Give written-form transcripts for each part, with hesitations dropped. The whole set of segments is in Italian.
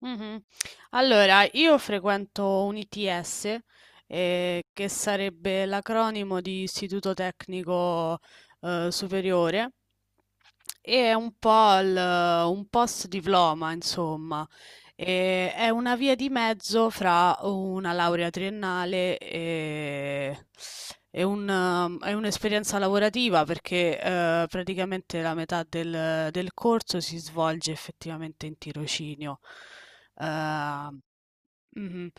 Mh-mh. Allora, io frequento un ITS, che sarebbe l'acronimo di Istituto Tecnico, Superiore e è un po' un post-diploma, insomma. E è una via di mezzo fra una laurea triennale e un'esperienza lavorativa, perché praticamente la metà del corso si svolge effettivamente in tirocinio. Ehm, Mhm.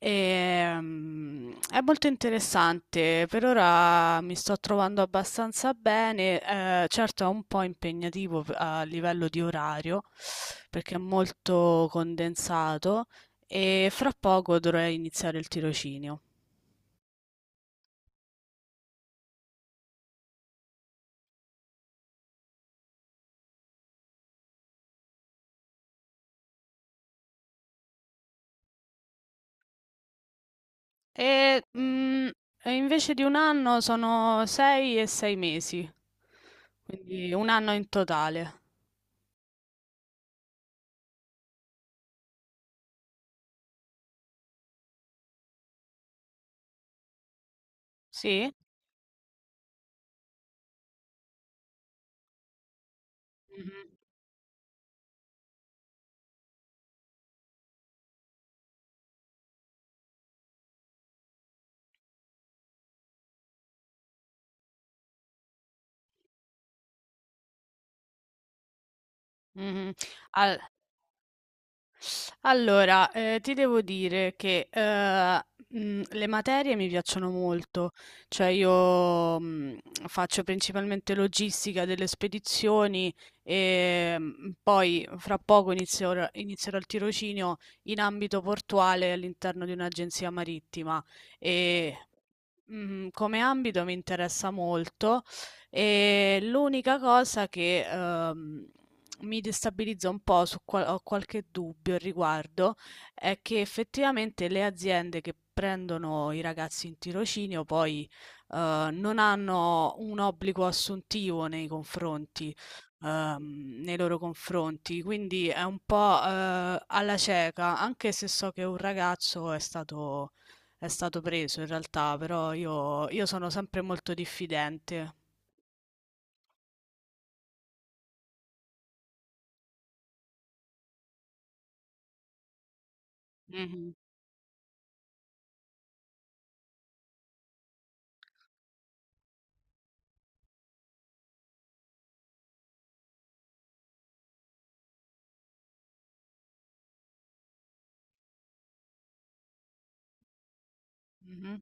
È molto interessante, per ora mi sto trovando abbastanza bene, certo è un po' impegnativo a livello di orario perché è molto condensato e fra poco dovrei iniziare il tirocinio. E, mm, e invece di un anno sono 6 e 6 mesi, quindi un anno in totale. Sì? Mhm. Mhm. Al- Allora, ti devo dire che, le materie mi piacciono molto, cioè io, faccio principalmente logistica delle spedizioni, poi fra poco inizierò il tirocinio in ambito portuale all'interno di un'agenzia marittima, e come ambito mi interessa molto e l'unica cosa che mi destabilizza un po', ho qualche dubbio al riguardo, è che effettivamente le aziende che prendono i ragazzi in tirocinio poi non hanno un obbligo assuntivo nei loro confronti, quindi è un po' alla cieca, anche se so che un ragazzo è stato preso in realtà, però io sono sempre molto diffidente. Mh-mh. Mh-mh,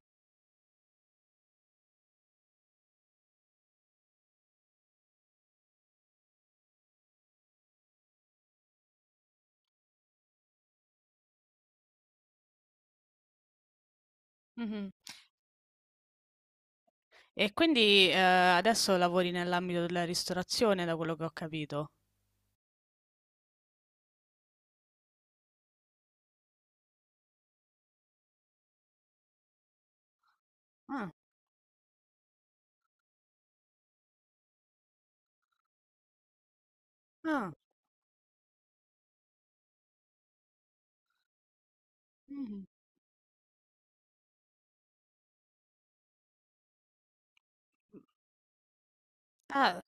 mh-mh. E quindi, adesso lavori nell'ambito della ristorazione da quello che ho capito. Ah, ah, mh-mh. Ah,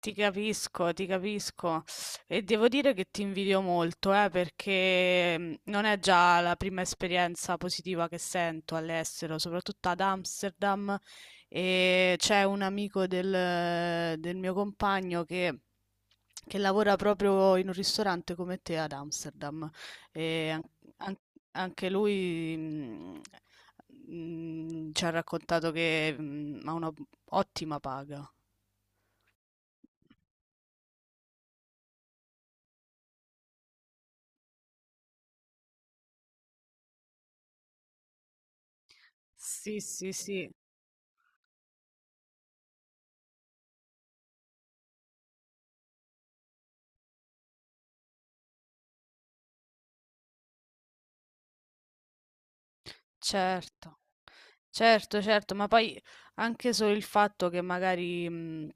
ti capisco, ti capisco e devo dire che ti invidio molto, perché non è già la prima esperienza positiva che sento all'estero, soprattutto ad Amsterdam e c'è un amico del mio compagno che lavora proprio in un ristorante come te ad Amsterdam e an- anche lui ci ha raccontato che ha una ottima paga. Sì, sì, sì. Certo, certo, certo, ma poi anche solo il fatto che magari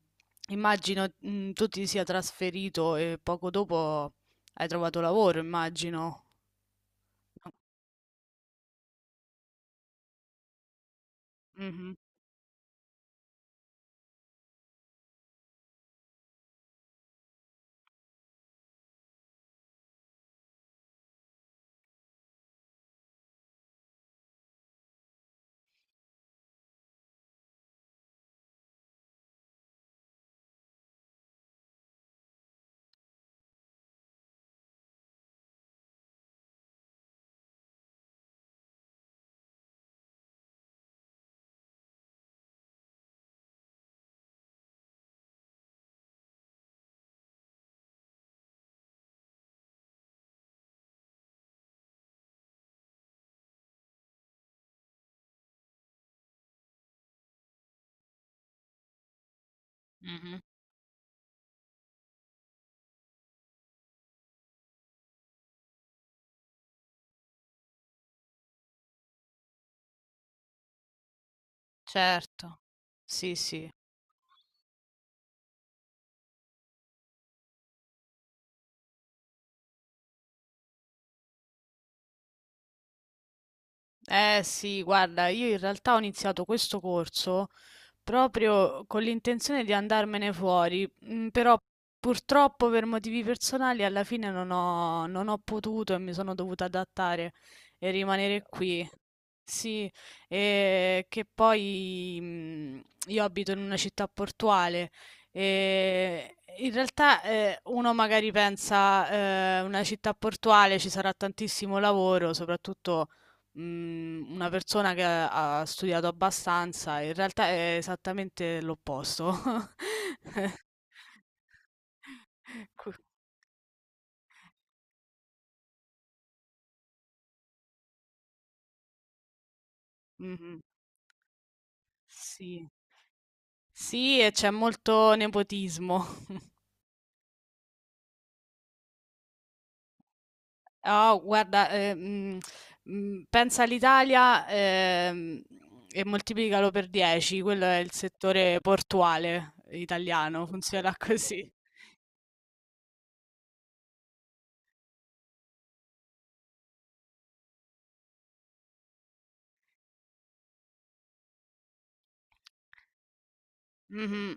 immagino tu ti sia trasferito e poco dopo hai trovato lavoro, immagino. Mhm, mhm, certo, sì, sì. Eh sì, guarda, io in realtà ho iniziato questo corso proprio con l'intenzione di andarmene fuori, però purtroppo per motivi personali alla fine non ho potuto e mi sono dovuta adattare e rimanere qui. Sì, e che poi io abito in una città portuale e in realtà uno magari pensa una città portuale ci sarà tantissimo lavoro, soprattutto una persona che ha studiato abbastanza, in realtà è esattamente l'opposto. Cu- Mhm. Sì. Sì, e c'è molto nepotismo. Oh, guarda, pensa all'Italia, e moltiplicalo per 10, quello è il settore portuale italiano, funziona così. Mhm.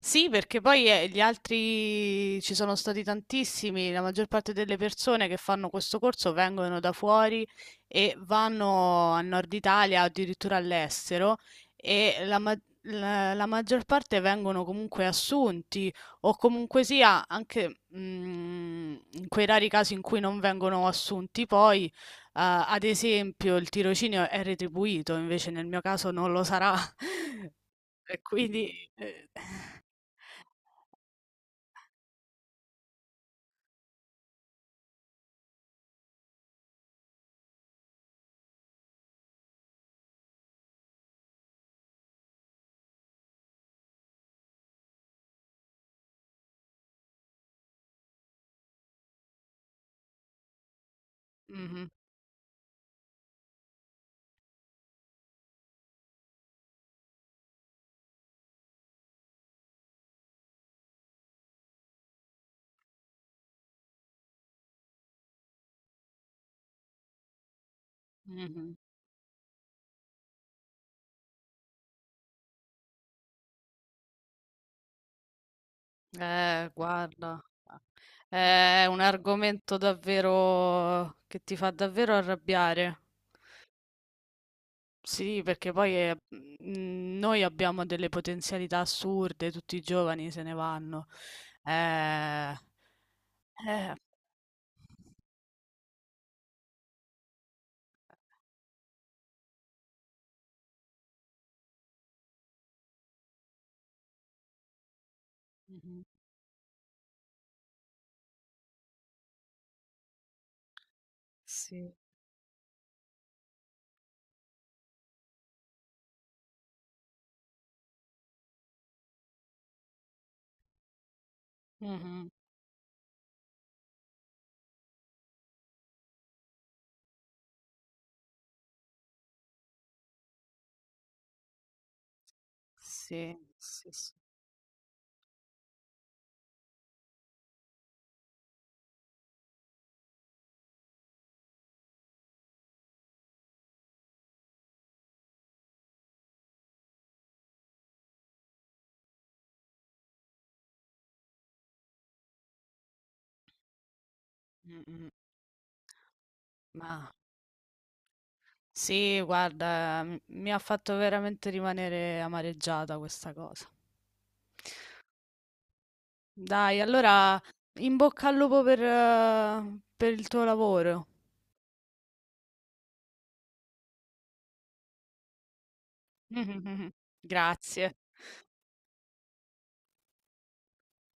Sì, perché poi gli altri ci sono stati tantissimi, la maggior parte delle persone che fanno questo corso vengono da fuori e vanno a Nord Italia, addirittura all'estero, e la maggior parte vengono comunque assunti o comunque sia, anche in quei rari casi in cui non vengono assunti, poi ad esempio il tirocinio è retribuito, invece nel mio caso non lo sarà. E quindi. eh, Mh-mh, mh-mh. Guarda, è un argomento davvero che ti fa davvero arrabbiare. Sì, perché poi, noi abbiamo delle potenzialità assurde, tutti i giovani se ne vanno. Eh, eh. Mh-mh. Sì. Mh-mh. Sì, sì, sì. Mh-mh. Ma sì, guarda, m mi ha fatto veramente rimanere amareggiata questa cosa. Dai, allora in bocca al lupo per il tuo lavoro. Grazie.